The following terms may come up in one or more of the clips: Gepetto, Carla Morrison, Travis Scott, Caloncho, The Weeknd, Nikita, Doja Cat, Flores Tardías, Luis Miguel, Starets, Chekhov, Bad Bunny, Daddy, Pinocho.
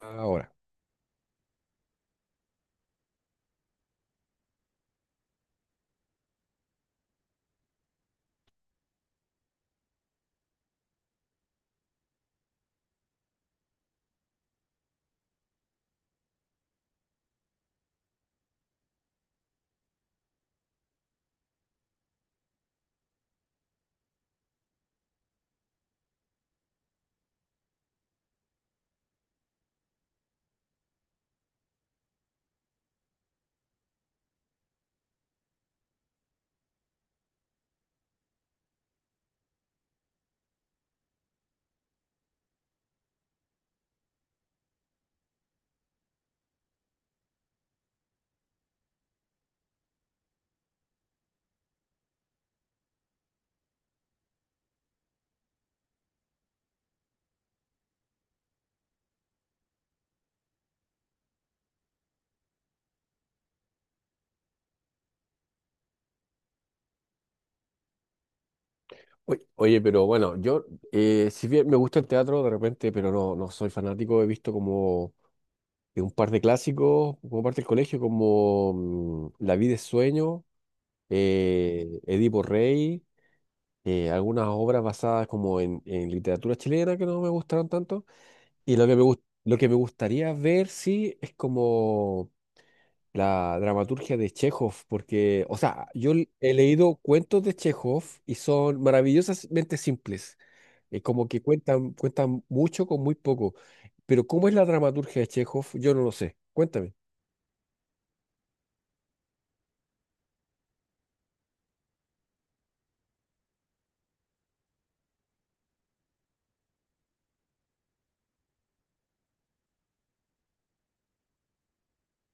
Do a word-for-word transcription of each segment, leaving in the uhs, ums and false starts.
Ahora. Oy- Oye, pero bueno, yo, eh, si bien me gusta el teatro de repente, pero no, no soy fanático. He visto como eh, un par de clásicos, como parte del colegio, como mm, La vida es sueño, eh, Edipo Rey, eh, algunas obras basadas como en, en literatura chilena que no me gustaron tanto. Y lo que me, gust- lo que me gustaría ver, sí, es como la dramaturgia de Chekhov, porque, o sea, yo he leído cuentos de Chekhov y son maravillosamente simples. Eh, como que cuentan, cuentan mucho con muy poco. Pero ¿cómo es la dramaturgia de Chekhov? Yo no lo sé. Cuéntame.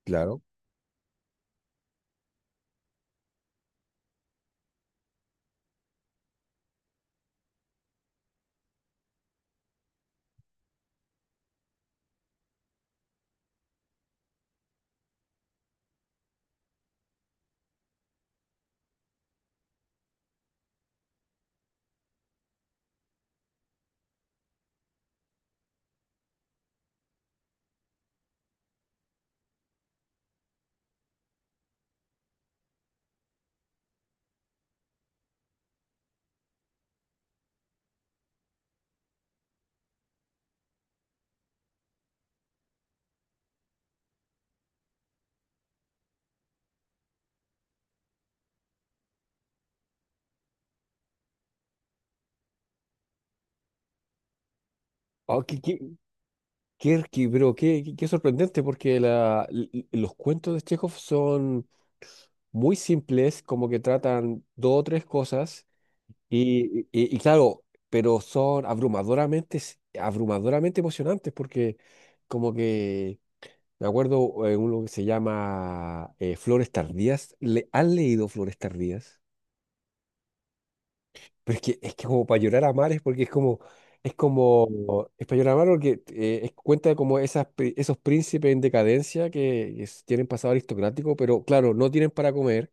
Claro. Ah, qué, qué- qué- qué- pero qué, qué- qué sorprendente, porque la- l- l- los cuentos de Chekhov son muy simples, como que tratan dos o tres cosas, y, y- y claro, pero son abrumadoramente, s- abrumadoramente emocionantes, porque como que, me acuerdo, eh, uno que se llama eh, Flores Tardías. ¿le, han leído Flores Tardías? Pero es que, es que, como para llorar a mares, porque es como, es como, es para llorar a mares porque eh, es- cuenta como esas, pri- esos príncipes en decadencia que es- tienen pasado aristocrático, pero claro, no tienen para comer.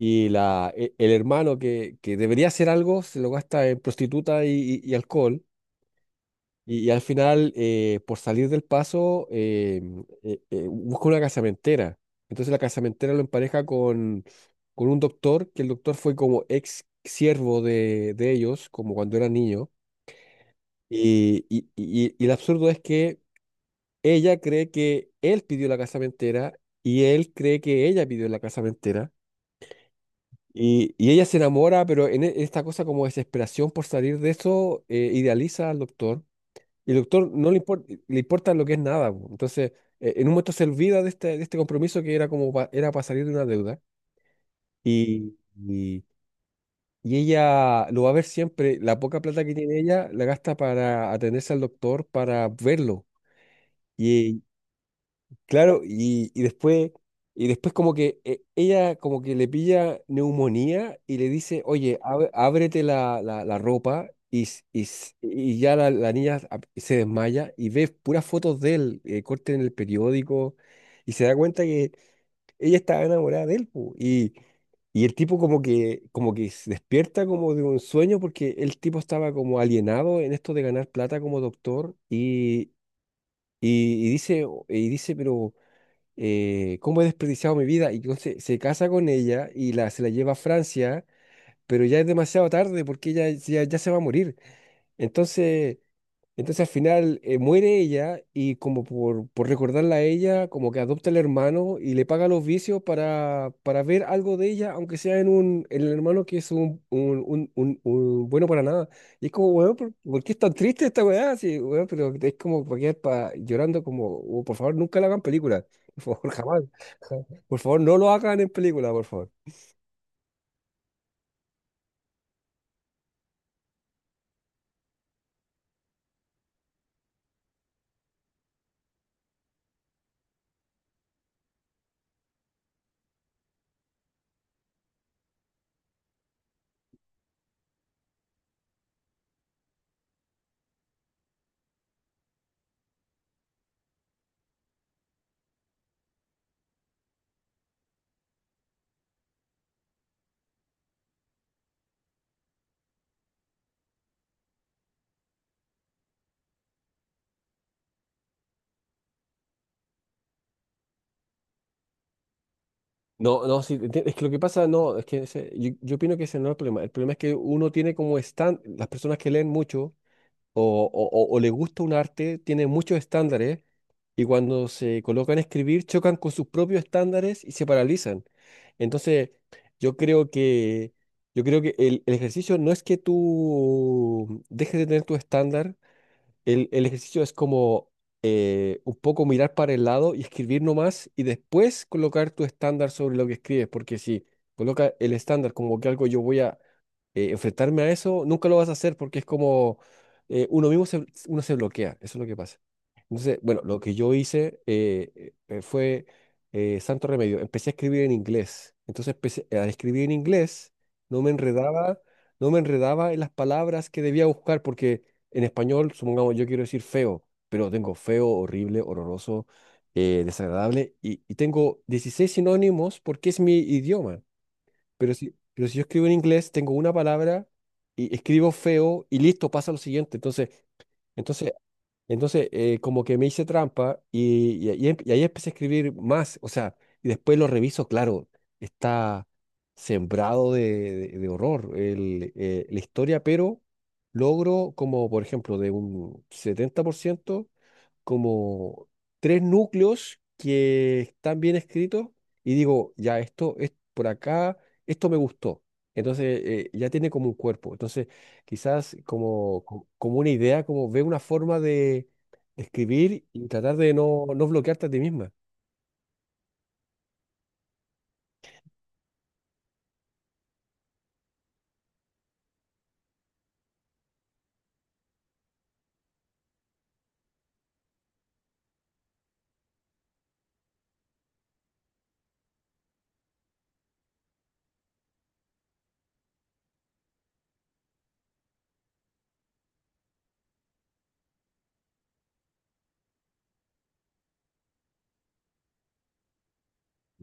Y la, e- el hermano que, que debería hacer algo se lo gasta en prostituta y, y- y alcohol. Y, y al final, eh, por salir del paso, eh, eh, eh, busca una casamentera. Entonces la casamentera lo empareja con, con un doctor, que el doctor fue como ex siervo de, de ellos, como cuando era niño. Y, y, y, y el absurdo es que ella cree que él pidió la casamentera y él cree que ella pidió la casamentera. Y, y ella se enamora, pero en e- esta cosa como desesperación por salir de eso, eh, idealiza al doctor. Y el doctor no le importa, le importa lo que es nada, po. Entonces, eh, en un momento se olvida de este, de este compromiso que era como pa- era para salir de una deuda. Y, y, y ella lo va a ver siempre. La poca plata que tiene ella la gasta para atenderse al doctor, para verlo. Claro, y, y después, y después como que eh, ella como que le pilla neumonía y le dice, oye, ab- ábrete la, la- la ropa. Y, s- y, s- y ya la, la niña ap- se desmaya y ve puras fotos de él, eh, corte en el periódico, y se da cuenta que ella estaba enamorada de él, po. Y, y el tipo como que, como que se despierta como de un sueño porque el tipo estaba como alienado en esto de ganar plata como doctor. Y, y, y dice, y dice, pero eh, ¿cómo he desperdiciado mi vida? Y entonces se casa con ella y la, se la lleva a Francia, pero ya es demasiado tarde porque ella ya, ya se va a morir. Entonces, entonces al final eh, muere ella y como por, por recordarla a ella, como que adopta al hermano y le paga los vicios para, para ver algo de ella, aunque sea en un en el hermano que es un, un, un- un- un bueno para nada. Y es como, weón, ¿por, por qué es tan triste esta weá? Sí, weón, pero es como para quedar pa- llorando como, "Oh, por favor, nunca la hagan película. Por favor, jamás." Ja- Por favor, no lo hagan en película, por favor. No, no, sí, enti- es que lo que pasa, no, es que ese- yo, yo opino que ese no es el problema. El problema es que uno tiene como estándar. Las personas que leen mucho o, o, o- o le gusta un arte tienen muchos estándares, y cuando se colocan a escribir chocan con sus propios estándares y se paralizan. Entonces, yo creo que, yo creo que el, el ejercicio no es que tú dejes de tener tu estándar. El, el ejercicio es como eh, un poco mirar para el lado y escribir nomás, y después colocar tu estándar sobre lo que escribes, porque si coloca el estándar como que algo yo voy a eh, enfrentarme a eso, nunca lo vas a hacer, porque es como eh, uno mismo se, uno se bloquea. Eso es lo que pasa. Entonces, bueno, lo que yo hice eh, eh, eh, fue eh, santo remedio. Empecé a escribir en inglés. Entonces empecé, eh, al escribir en inglés, no me enredaba, no me enredaba en las palabras que debía buscar, porque en español, supongamos, yo quiero decir feo, pero tengo feo, horrible, horroroso, eh, desagradable, y, y tengo dieciséis sinónimos porque es mi idioma. Pero si, pero si yo escribo en inglés, tengo una palabra y escribo feo y listo, pasa lo siguiente. Entonces, entonces, entonces eh, como que me hice trampa y, y, ahí em- y ahí empecé a escribir más, o sea, y después lo reviso. Claro, está sembrado de, de- de horror el, eh, la historia, pero logro como, por ejemplo, de un setenta por ciento como tres núcleos que están bien escritos, y digo, ya esto es por acá, esto me gustó. Entonces eh, ya tiene como un cuerpo. Entonces quizás como, co- como una idea, como ve una forma de escribir y tratar de no, no bloquearte a ti misma.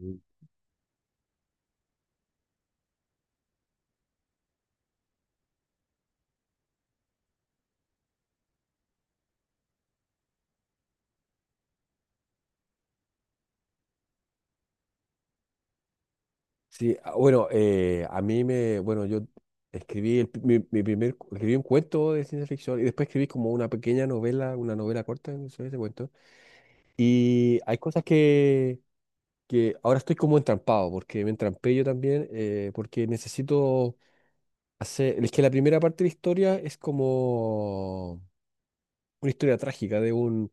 Mm. Sí, ah, bueno, eh, a mí me, bueno, yo escribí el, pri- mi, mi primer, cu- escribí un cuento de ciencia ficción, y después escribí como una pequeña novela, una novela corta, no sé, ese cuento. Y hay cosas que ahora estoy como entrampado, porque me entrampé yo también, eh, porque necesito hacer, es que la primera parte de la historia es como una historia trágica de un,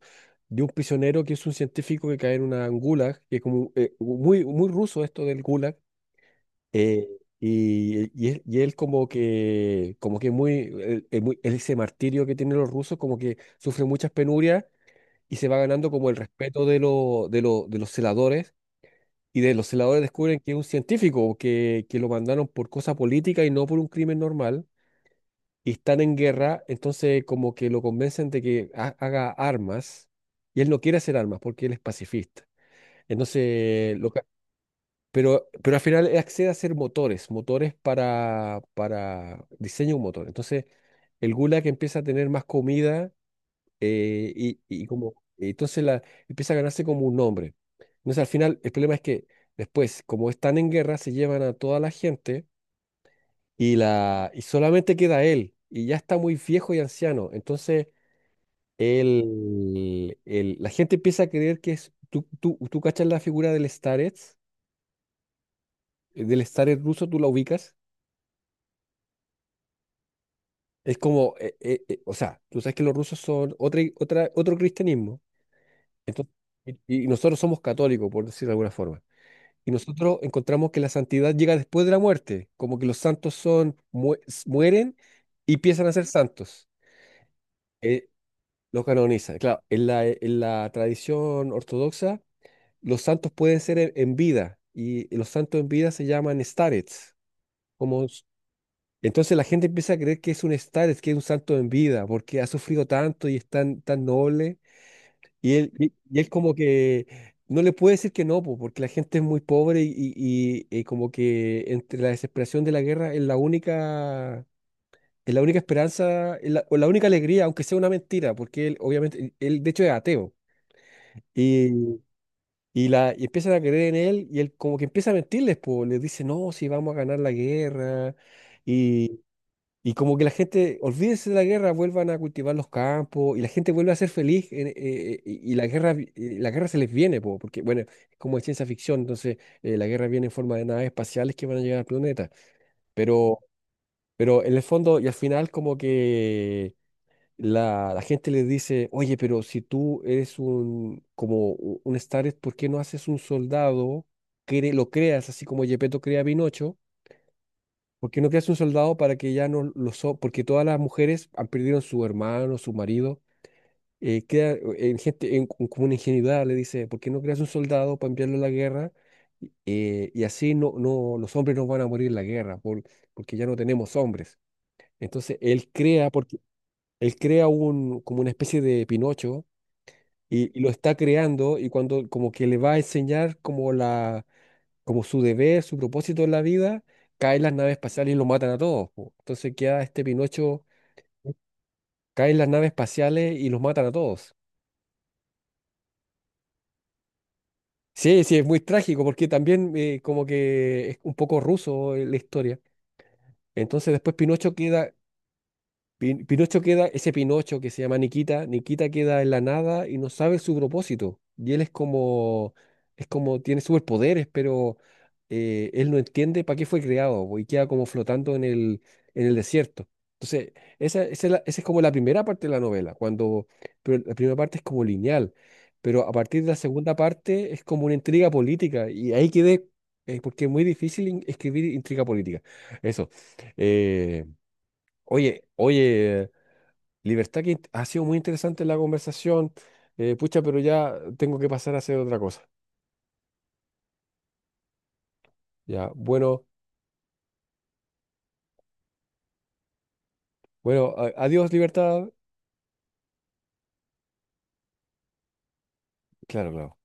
de un prisionero que es un científico que cae en una en gulag, que es como eh, muy, muy ruso esto del gulag, eh, y, y, él y él como que, como que muy, el- el muy- ese martirio que tienen los rusos, como que sufre muchas penurias. Y se va ganando como el respeto de, lo- de, lo- de los celadores. Y de los celadores descubren que es un científico, que, que lo mandaron por cosa política y no por un crimen normal, y están en guerra, entonces como que lo convencen de que ha- haga armas, y él no quiere hacer armas porque él es pacifista. Entonces, lo ca- pero, pero al final él accede a hacer motores, motores para, para diseño de un motor. Entonces el Gulag empieza a tener más comida eh, y, y como, entonces la, empieza a ganarse como un nombre. Entonces al final el problema es que después, como están en guerra, se llevan a toda la gente, y, la, y solamente queda él, y ya está muy viejo y anciano. Entonces él, él- la gente empieza a creer que es, tú, tú, tú cachas la figura del Starets, eh, del Starets ruso, tú la ubicas. Es como, eh, eh, eh, o sea, tú sabes que los rusos son otra, otra, otro cristianismo. Entonces, y, y nosotros somos católicos, por decirlo de alguna forma. Y nosotros encontramos que la santidad llega después de la muerte, como que los santos son, mu- mueren y empiezan a ser santos. Eh, lo canoniza. Claro, en la, en la tradición ortodoxa, los santos pueden ser en, en vida, y los santos en vida se llaman starets. Como, s- entonces la gente empieza a creer que es un starets, que es un santo en vida, porque ha sufrido tanto y es tan, tan noble. Y él, y, y él como que no le puede decir que no, po, porque la gente es muy pobre, y, y- y como que entre la desesperación de la guerra es la única, es la única esperanza, es la, o la única alegría, aunque sea una mentira, porque él obviamente, él de hecho es ateo. Y, y la, y empiezan a creer en él, y él como que empieza a mentirles, pues les dice, no, si vamos a ganar la guerra. Y como que la gente, olvídense de la guerra, vuelvan a cultivar los campos, y la gente vuelve a ser feliz en- eh, eh, eh, y, y la guerra, vi- eh, la guerra se les viene, po, porque bueno, es como de ciencia ficción. Entonces eh, la guerra viene en forma de naves espaciales que van a llegar al planeta, pero, pero en el fondo y al final como que la, la gente les dice, oye, pero si tú eres un, como u- un Star, ¿por qué no haces un soldado? Cre- lo creas así como Gepetto crea a Pinocho. Porque no creas un soldado para que ya no lo so, porque todas las mujeres han perdido su hermano, su marido. Eh, queda eh, en gente en- en- como una ingenuidad, le dice, ¿por qué no creas un soldado para enviarlo a la guerra? Eh, y así no, no los hombres no van a morir en la guerra, por- porque ya no tenemos hombres. Entonces él crea, porque él crea un, como una especie de Pinocho, y, y lo está creando, y cuando como que le va a enseñar como la, como su deber, su propósito en la vida, caen las naves espaciales y los matan a todos, po. Entonces queda este Pinocho, caen las naves espaciales y los matan a todos. Sí, sí, es muy trágico, porque también eh, como que es un poco ruso eh, la historia. Entonces después Pinocho queda Pin- Pinocho queda, ese Pinocho que se llama Nikita, Nikita queda en la nada y no sabe su propósito. Y él es como, es como, tiene superpoderes, pero eh, él no entiende para qué fue creado, po, y queda como flotando en el, en el desierto. Entonces, esa, esa es la- esa es como la primera parte de la novela, cuando, pero la primera parte es como lineal, pero a partir de la segunda parte es como una intriga política y ahí quedé, eh, porque es muy difícil in- escribir intriga política. Eso. Eh, Oye, oye, Libertad, que ha sido muy interesante la conversación. eh, pucha, pero ya tengo que pasar a hacer otra cosa. Ya, bueno, bueno, a- adiós, Libertad. Claro, claro.